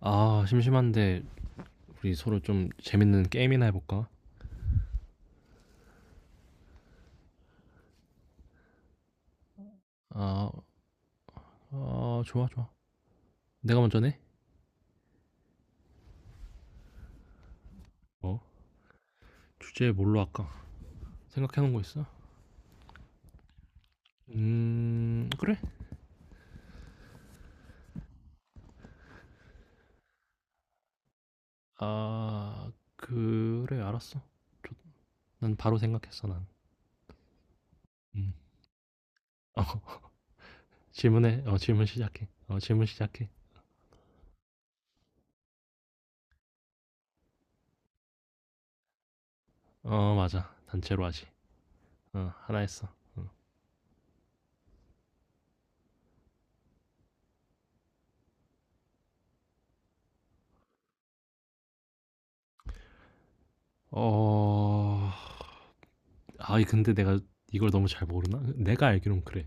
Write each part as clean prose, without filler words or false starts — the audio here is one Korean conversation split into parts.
아, 심심한데 우리 서로 좀 재밌는 게임이나 해볼까? 아, 아, 좋아, 좋아. 내가 먼저 내? 어? 주제 뭘로 할까? 생각해놓은 거 있어? 그래. 아, 그래, 알았어. 좋- 난 바로 생각했어, 난. 음. 어, 질문해. 어, 질문 시작해. 어, 질문 시작해. 어, 맞아. 단체로 하지. 어, 하나 했어. 어, 아, 이 근데 내가 이걸 너무 잘 모르나? 내가 알기론 그래.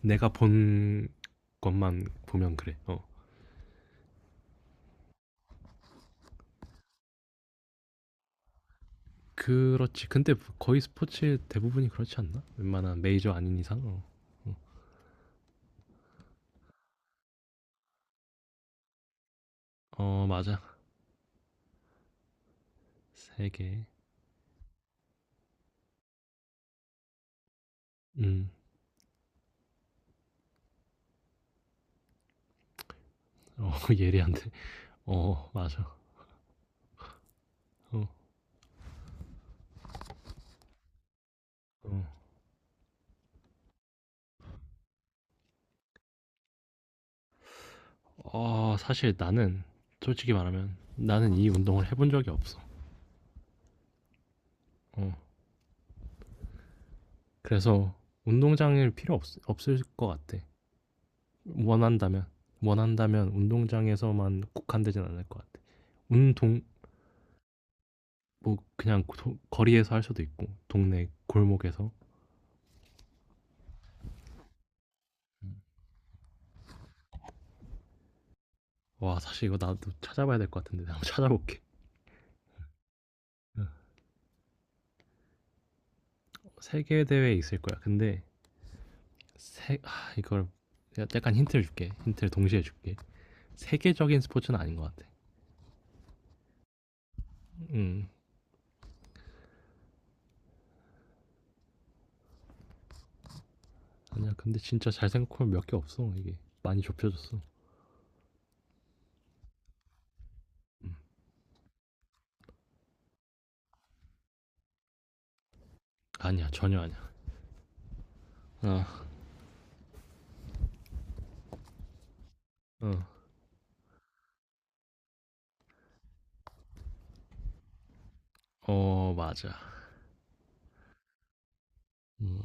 내가 본 것만 보면 그래. 어. 그렇지. 근데 거의 스포츠 대부분이 그렇지 않나? 웬만한 메이저 아닌 이상. 어, 어. 어, 맞아. 세 개. 음, 어, 예리한데. 어, 맞아. 어, 어. 어, 사실 나는 솔직히 말하면 나는 이 운동을 해본 적이 없어. 어, 그래서 운동장일 필요 없을 것 같아. 원한다면. 원한다면 운동장에서만 국한되진 않을 것 같아. 운동, 뭐, 그냥 거리에서 할 수도 있고, 동네 골목에서. 와 사실 이거 나도 찾아봐야 될 것 같은데 내가 한번 찾아볼게. 응. 세계 대회에 있을 거야. 근데 이걸 내가 약간 힌트를 줄게. 힌트를 동시에 줄게. 세계적인 스포츠는 아닌 것 같아. 음 아니야. 근데 진짜 잘 생각하면 몇 개 없어 이게 많이 좁혀졌어. 아니야 전혀 아니야. 어어어 맞아. 음,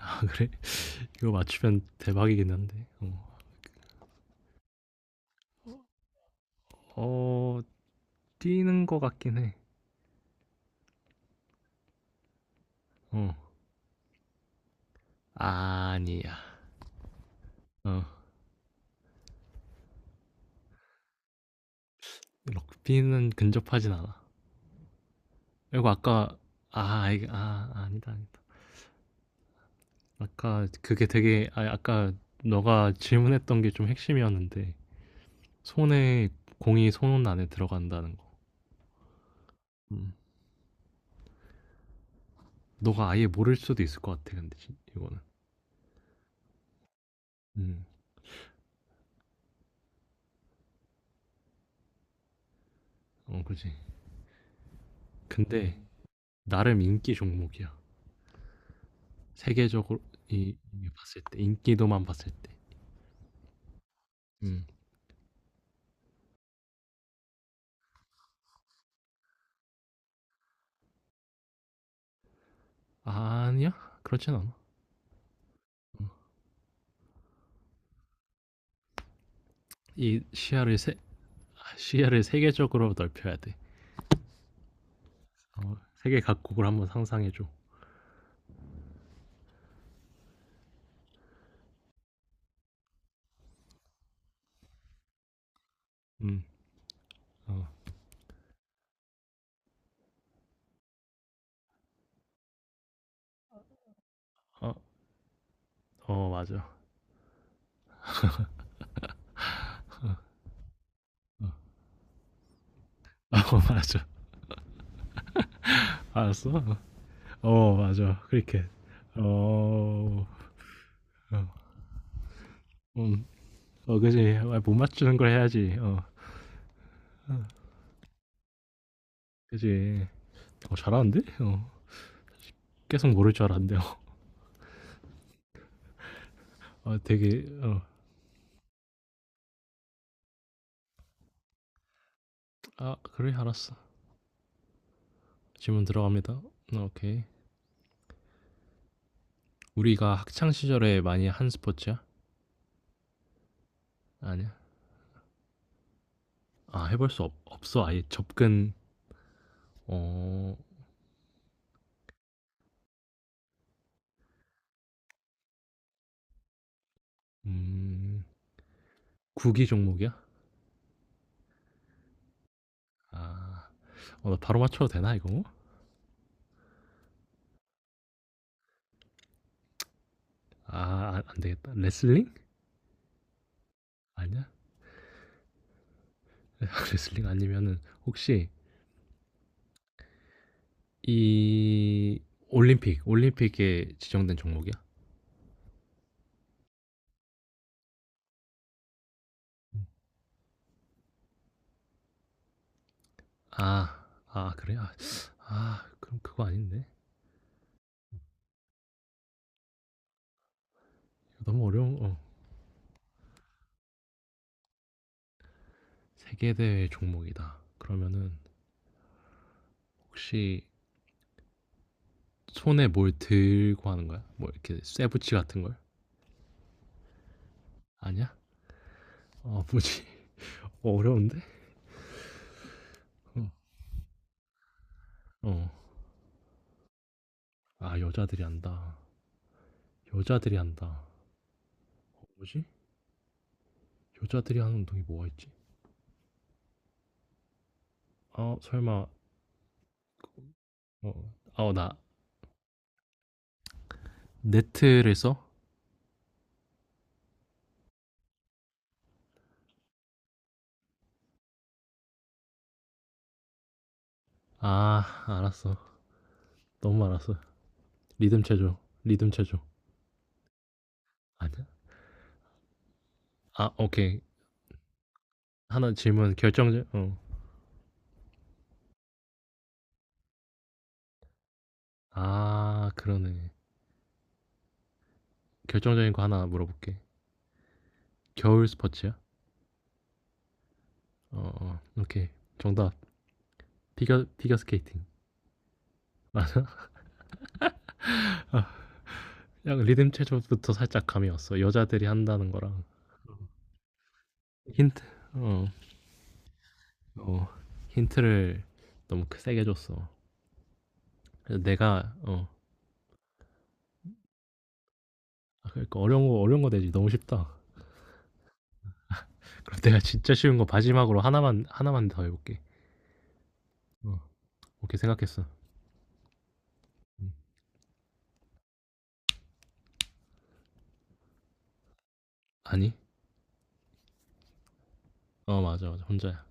아 그래? 이거 맞추면 대박이긴 한데. 어, 뛰는 것 같긴 해. 어 아니야. 어 럭비는 근접하진 않아. 그리고 아까 아, 아, 아 아니다 아니다. 아까 그게 되게 아까 너가 질문했던 게 좀 핵심이었는데 손에 공이 손 안에 들어간다는 거. 음. 너가 아예 모를 수도 있을 것 같아 근데 이거는. 음. 어 그지. 근데 나름 인기 종목이야. 세계적으로 이 봤을 때 인기도만 봤을 때. 음. 아니야 그렇진 않아. 이 시야를 세 아, 시야를 세계적으로 넓혀야 돼. 어, 세계 각국을 한번 상상해줘. 음. 어, 어, 어, 맞아. 어. 어 맞아. 알았어. 어 맞아. 크리켓. 어. 어. 어. 음. 어 그지. 아, 못 맞추는 걸 해야지. 어. 어, 그지. 어 잘하는데? 어. 계속 모를 줄 알았는데. 어. 아, 되게 어. 아, 그래 알았어. 질문 들어갑니다. 어, 오케이. 우리가 학창 시절에 많이 한 스포츠야? 아니야. 아, 해볼 수 없어. 아예 접근 어. 음. 구기 종목이야? 아. 어, 나 바로 맞춰도 되나 이거? 아 아, 안 되겠다. 레슬링? 아니야? 레슬링 아니면은 혹시 이 올림픽, 올림픽에 지정된 종목이야? 아, 아 그래? 아, 아 그럼 그거 아닌데? 너무 어려운 어. 세계대회 종목이다. 그러면은 혹시 손에 뭘 들고 하는 거야? 뭐 이렇게 쇠붙이 같은 걸? 아니야? 아 뭐지? 어, 어려운데? 어. 어. 아 여자들이 한다. 여자들이 한다. 뭐지? 여자들이 하는 운동이 뭐가 있지? 아 설마 어, 아우 나 네트를 써? 아, 알았어. 너무 알았어. 리듬 체조 리듬 체조 아니야? 아, 오케이. 하나 질문 결정적. 어. 아, 그러네. 결정적인 거 하나 물어볼게. 겨울 스포츠야? 어, 어, 오케이. 정답. 피겨 스케이팅. 맞아. 아, 약간 리듬 체조부터 살짝 감이 왔어. 여자들이 한다는 거랑 힌트. 어, 어. 힌트를 너무 세게 줬어. 그래서 내가 어, 아, 그러니까 어려운 거 어려운 거 되지. 너무 쉽다. 그럼 내가 진짜 쉬운 거 마지막으로 하나만 하나만 더 해볼게. 어, 오케이 생각했어. 응. 아니? 어 맞아 맞아 혼자야.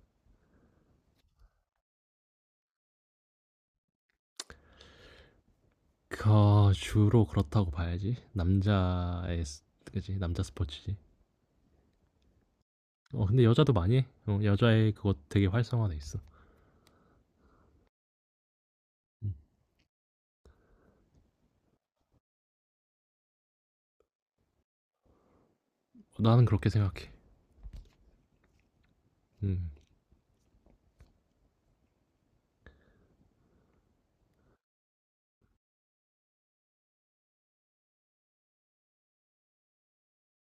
그 주로 그렇다고 봐야지. 남자의 그지 남자 스포츠지. 어 근데 여자도 많이 해. 어, 여자의 그거 되게 활성화돼 있어. 음. 나는 그렇게 생각해. 음.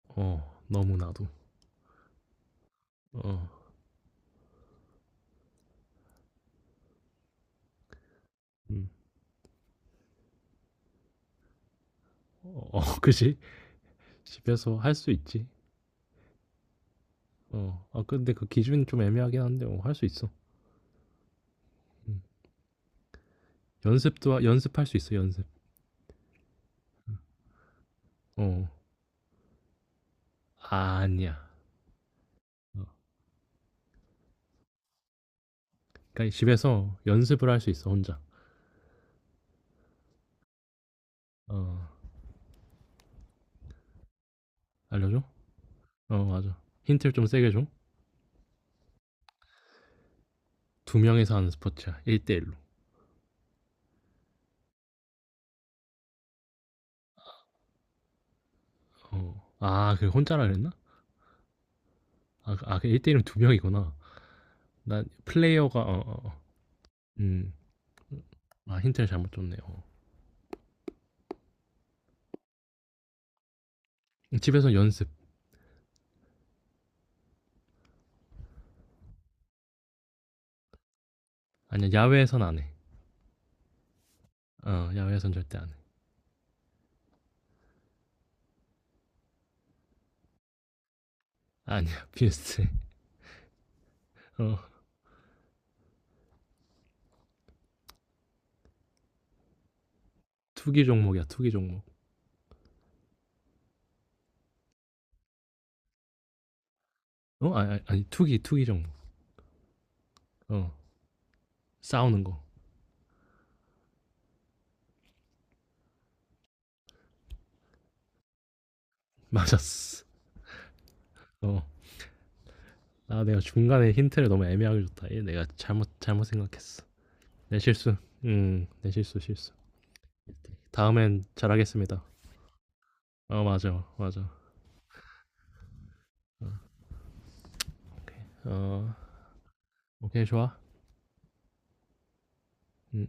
어 너무 나도. 어. 음. 어, 그지 집에서 할 수 있지. 어. 아 근데 그 기준 이 좀 애매하긴 한데 어, 할 수 있어. 음. 연습도 연습할 수 있어 연습. 어. 아니야. 어. 그러니까 집에서 연습을 할 수 있어 혼자. 어. 알려줘? 어 맞아. 힌트를 좀 세게 줘. 두 명이서 하는 스포츠야. 1:1 로. 어. 아 그 혼자라 그랬나? 아 그 아, 그 1:1은 두 명이구나. 난 플레이어가 어어어. 음. 아 힌트를 잘못 줬네. 어. 집에서 연습. 아니야 야외에선 안 해. 어 야외에선 절대 안 해. 아니야 비슷해. 어. 투기 종목이야 투기 종목. 어? 아니 아니 아니, 투기 종목. 어. 싸우는 거. 맞았어. 어. 아 내가 중간에 힌트를 너무 애매하게 줬다. 얘 내가 잘못 생각했어. 내 실수. 내 실수 실수. 다음엔 잘하겠습니다. 어 맞아 맞아. 오케이. 어 오케이 좋아. 음.